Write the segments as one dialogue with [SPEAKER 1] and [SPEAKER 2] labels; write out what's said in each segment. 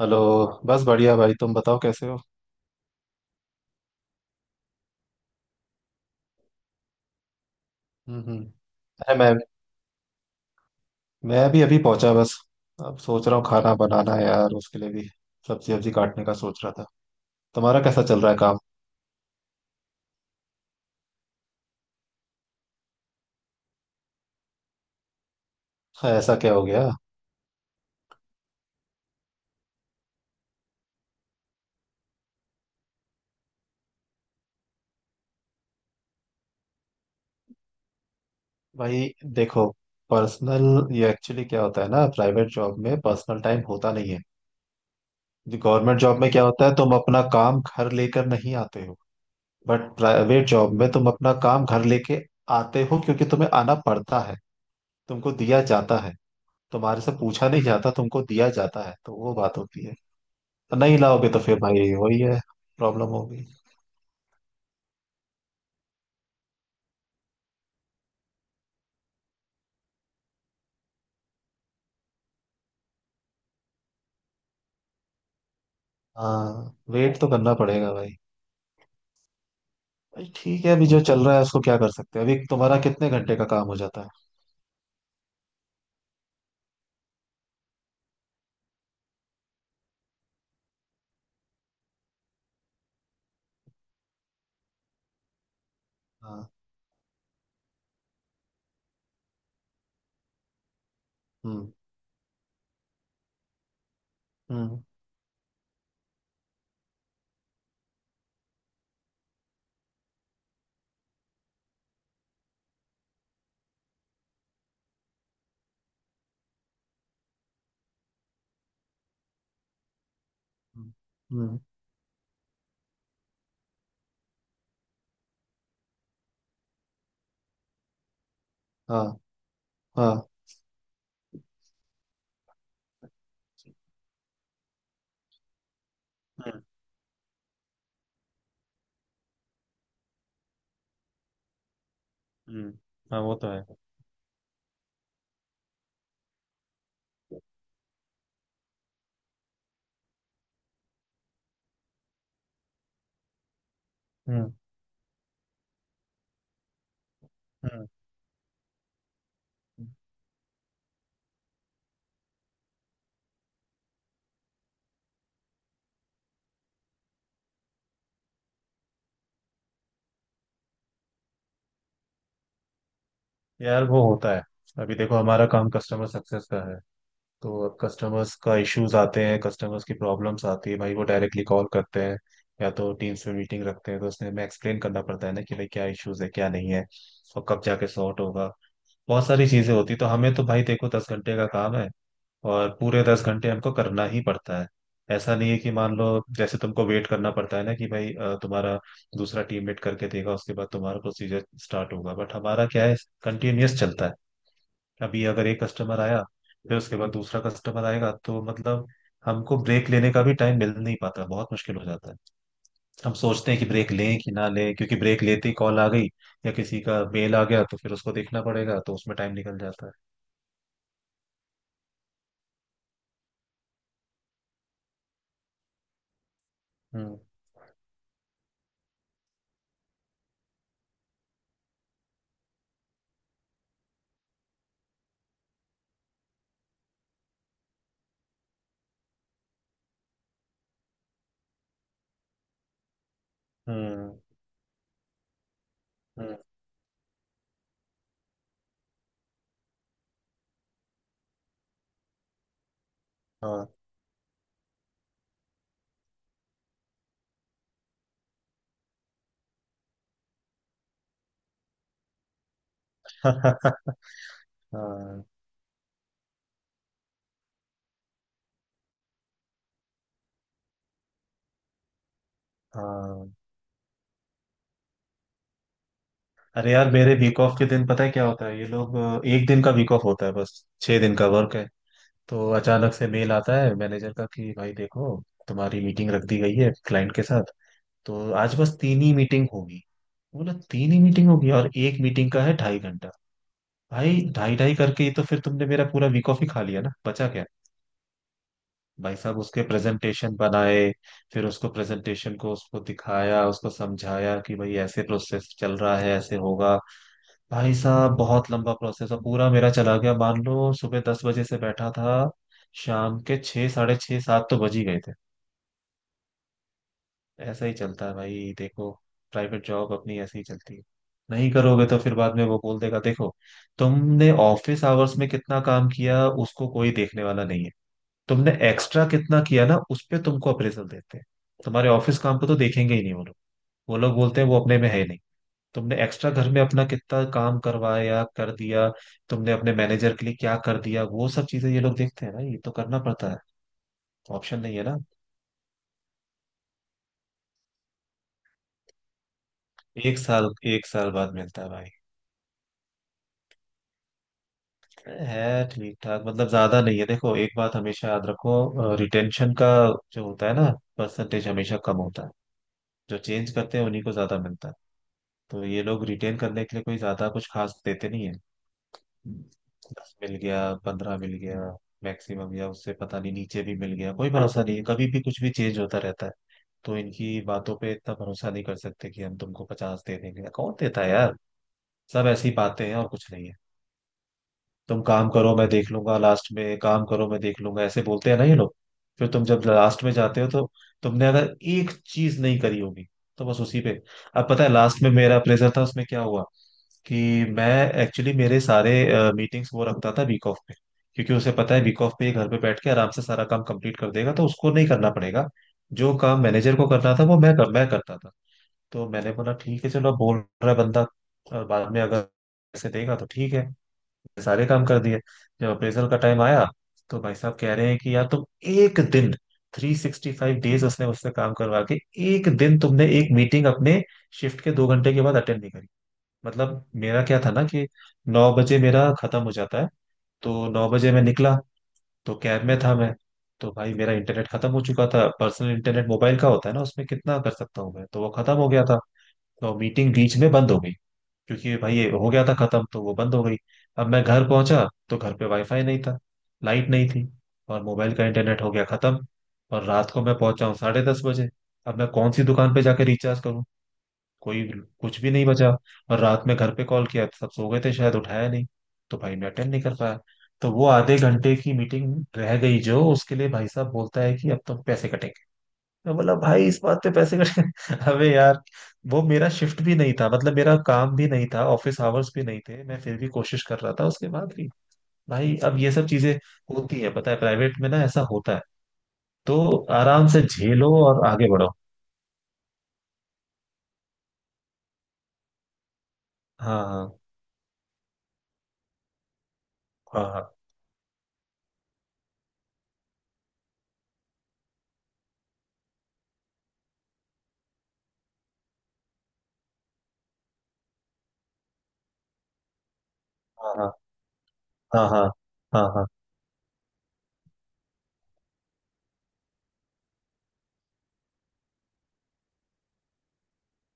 [SPEAKER 1] Hello. बस बढ़िया भाई, तुम बताओ कैसे हो? हम्म हम्म। अरे मैं भी अभी पहुंचा बस। अब सोच रहा हूँ खाना बनाना है यार, उसके लिए भी सब्जी वब्जी काटने का सोच रहा था। तुम्हारा कैसा चल रहा है काम? ऐसा क्या हो गया? भाई देखो, पर्सनल ये एक्चुअली क्या होता है ना, प्राइवेट जॉब में पर्सनल टाइम होता नहीं है। गवर्नमेंट जॉब में क्या होता है, तुम अपना काम घर लेकर नहीं आते हो। बट प्राइवेट जॉब में तुम अपना काम घर लेके आते हो क्योंकि तुम्हें आना पड़ता है, तुमको दिया जाता है। तुम्हारे से पूछा नहीं जाता, तुमको दिया जाता है, तो वो बात होती है। तो नहीं लाओगे तो फिर भाई वही है, प्रॉब्लम होगी। हाँ, वेट तो करना पड़ेगा भाई। भाई ठीक है, अभी जो चल रहा है उसको क्या कर सकते हैं? अभी तुम्हारा कितने घंटे का काम हो जाता है? हाँ। हम्म हम्म हम्म हम्म, हाँ हाँ। हम्म हम्म, हाँ वो तो है। हम्म हम्म। यार वो होता है। अभी देखो, हमारा काम कस्टमर सक्सेस का है। तो अब कस्टमर्स का इश्यूज आते हैं, कस्टमर्स की प्रॉब्लम्स आती है भाई, वो डायरेक्टली कॉल करते हैं या तो टीम्स में मीटिंग रखते हैं। तो उसमें हमें एक्सप्लेन करना पड़ता है ना कि भाई क्या इश्यूज है क्या नहीं है और कब जाके सॉर्ट होगा। बहुत सारी चीजें होती हैं। तो हमें तो भाई देखो 10 घंटे का काम है, और पूरे 10 घंटे हमको करना ही पड़ता है। ऐसा नहीं है कि मान लो, जैसे तुमको वेट करना पड़ता है ना कि भाई तुम्हारा दूसरा टीममेट करके देगा, उसके बाद तुम्हारा प्रोसीजर स्टार्ट होगा। बट हमारा क्या है, कंटिन्यूअस चलता है। अभी अगर एक कस्टमर आया, फिर उसके बाद दूसरा कस्टमर आएगा, तो मतलब हमको ब्रेक लेने का भी टाइम मिल नहीं पाता, बहुत मुश्किल हो जाता है। हम सोचते हैं कि ब्रेक लें कि ना लें, क्योंकि ब्रेक लेते ही कॉल आ गई या किसी का मेल आ गया, तो फिर उसको देखना पड़ेगा, तो उसमें टाइम निकल जाता है। हम्म हम्म हम्म, हाँ। हाँ हाँ। अरे यार, मेरे वीक ऑफ के दिन पता है क्या होता है? ये लोग एक दिन का वीक ऑफ होता है, बस 6 दिन का वर्क है। तो अचानक से मेल आता है मैनेजर का कि भाई देखो, तुम्हारी मीटिंग रख दी गई है क्लाइंट के साथ। तो आज बस तीन ही मीटिंग होगी। बोला तीन ही मीटिंग होगी, और एक मीटिंग का है 2.5 घंटा। भाई ढाई ढाई करके ही तो फिर तुमने मेरा पूरा वीक ऑफ ही खा लिया ना, बचा क्या। भाई साहब उसके प्रेजेंटेशन बनाए, फिर उसको प्रेजेंटेशन को उसको दिखाया, उसको समझाया कि भाई ऐसे प्रोसेस चल रहा है ऐसे होगा। भाई साहब बहुत लंबा प्रोसेस है, पूरा मेरा चला गया। मान लो सुबह 10 बजे से बैठा था, शाम के छः साढ़े छः सात तो बज ही गए थे। ऐसा ही चलता है भाई देखो, प्राइवेट जॉब अपनी ऐसे ही चलती है। नहीं करोगे तो फिर बाद में वो बोल देगा, देखो तुमने ऑफिस आवर्स में कितना काम किया उसको कोई देखने वाला नहीं है। तुमने एक्स्ट्रा कितना किया ना, उस पे तुमको अप्रेजल देते हैं। तुम्हारे ऑफिस काम को तो देखेंगे ही नहीं वो लोग, वो लोग बोलते हैं वो अपने में है नहीं। तुमने एक्स्ट्रा घर में अपना कितना काम करवाया कर दिया, तुमने अपने मैनेजर के लिए क्या कर दिया, वो सब चीजें ये लोग देखते हैं ना, ये तो करना पड़ता है। ऑप्शन नहीं है ना। एक साल, एक साल बाद मिलता है भाई। है ठीक ठाक, मतलब ज्यादा नहीं है। देखो एक बात हमेशा याद रखो, रिटेंशन का जो होता है ना, परसेंटेज हमेशा कम होता है। जो चेंज करते हैं उन्हीं को ज्यादा मिलता है। तो ये लोग रिटेन करने के लिए कोई ज्यादा कुछ खास देते नहीं है। 10 मिल गया, 15 मिल गया मैक्सिमम, या उससे पता नहीं नीचे भी मिल गया। कोई भरोसा नहीं है, कभी भी कुछ भी चेंज होता रहता है। तो इनकी बातों पे इतना भरोसा नहीं कर सकते कि हम तुमको 50 दे देंगे, कौन देता है यार। सब ऐसी बातें हैं और कुछ नहीं है। तुम काम करो मैं देख लूंगा, लास्ट में काम करो मैं देख लूंगा, ऐसे बोलते हैं ना ये लोग। फिर तुम जब लास्ट में जाते हो तो तुमने अगर एक चीज नहीं करी होगी तो बस उसी पे। अब पता है लास्ट में मेरा अप्रेजल था, उसमें क्या हुआ कि मैं एक्चुअली मेरे सारे मीटिंग्स वो रखता था वीक ऑफ पे। क्योंकि उसे पता है वीक ऑफ पे ये घर पे बैठ के आराम से सारा काम कंप्लीट कर देगा तो उसको नहीं करना पड़ेगा। जो काम मैनेजर को करना था वो मैं करता था। तो मैंने बोला ठीक है, चलो अब बोल रहा है बंदा, और बाद में अगर ऐसे देगा तो ठीक है। सारे काम कर दिए। जब अप्रेजल का टाइम आया तो भाई साहब कह रहे हैं कि यार तुम एक दिन, 365 डेज उसने मुझसे काम करवा के एक दिन तुमने एक मीटिंग अपने शिफ्ट के 2 घंटे के बाद अटेंड नहीं करी। मतलब मेरा क्या था ना कि 9 बजे मेरा खत्म हो जाता है, तो 9 बजे मैं निकला, तो कैब में था मैं। तो भाई मेरा इंटरनेट खत्म हो चुका था, पर्सनल इंटरनेट मोबाइल का होता है ना, उसमें कितना कर सकता हूँ मैं, तो वो खत्म हो गया था। तो मीटिंग बीच में बंद हो गई, क्योंकि भाई ये हो गया था खत्म तो वो बंद हो गई। अब मैं घर पहुंचा तो घर पे वाईफाई नहीं था, लाइट नहीं थी, और मोबाइल का इंटरनेट हो गया खत्म। और रात को मैं पहुंचा हूँ 10:30 बजे। अब मैं कौन सी दुकान पे जाके रिचार्ज करूँ? कोई कुछ भी नहीं बचा। और रात में घर पे कॉल किया तो सब सो गए थे शायद, उठाया नहीं। तो भाई मैं अटेंड नहीं कर पाया। तो वो आधे घंटे की मीटिंग रह गई जो, उसके लिए भाई साहब बोलता है कि अब तो पैसे कटेंगे। मैं बोला भाई, इस बात पे पैसे कट अबे यार। वो मेरा शिफ्ट भी नहीं था, मतलब मेरा काम भी नहीं था, ऑफिस आवर्स भी नहीं थे, मैं फिर भी कोशिश कर रहा था उसके बाद भी। भाई अब ये सब चीजें होती है, पता है प्राइवेट में ना ऐसा होता है। तो आराम से झेलो और आगे बढ़ो। हाँ हाँ हाँ हाँ, हाँ हाँ हाँ, हाँ हाँ हाँ,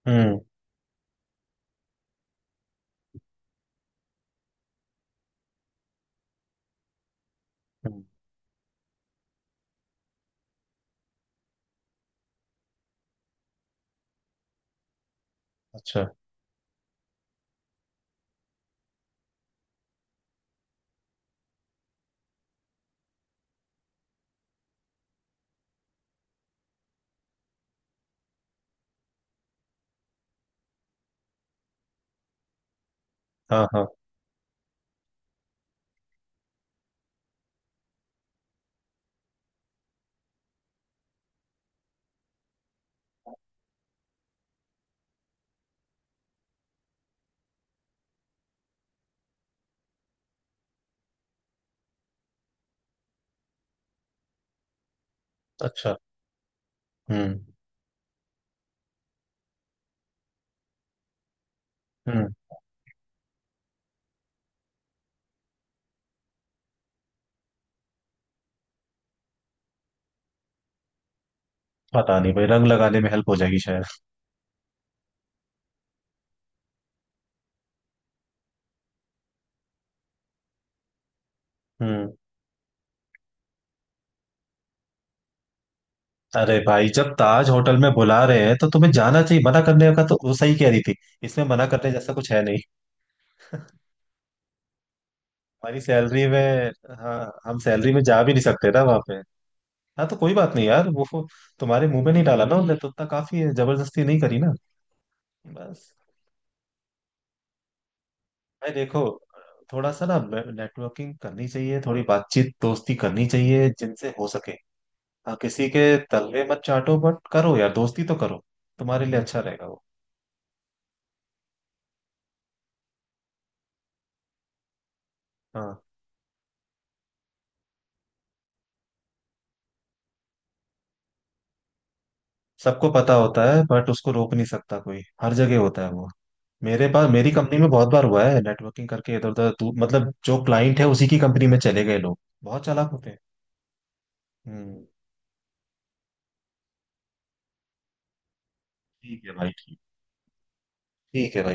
[SPEAKER 1] हम्म हम्म, अच्छा। हाँ हाँ। अच्छा। हम्म हम्म। पता नहीं भाई, रंग लगाने में हेल्प हो जाएगी शायद। हम्म। अरे भाई, जब ताज होटल में बुला रहे हैं तो तुम्हें जाना चाहिए, मना करने का तो वो सही कह रही थी। इसमें मना करने जैसा कुछ है नहीं। हमारी सैलरी में, हाँ, हम सैलरी में जा भी नहीं सकते ना वहां पे। हाँ तो कोई बात नहीं यार, वो तुम्हारे मुंह में नहीं डाला ना उनने तो, उतना काफी है, जबरदस्ती नहीं करी ना, बस। भाई देखो, थोड़ा सा ना नेटवर्किंग करनी चाहिए, थोड़ी बातचीत दोस्ती करनी चाहिए जिनसे हो सके। हाँ किसी के तलवे मत चाटो बट करो यार दोस्ती तो करो, तुम्हारे लिए अच्छा रहेगा वो। हाँ। सबको पता होता है बट उसको रोक नहीं सकता कोई, हर जगह होता है वो। मेरे पास मेरी कंपनी में बहुत बार हुआ है नेटवर्किंग करके इधर उधर मतलब जो क्लाइंट है उसी की कंपनी में चले गए लोग, बहुत चालाक होते हैं। हम्म। ठीक है भाई, ठीक। ठीक है।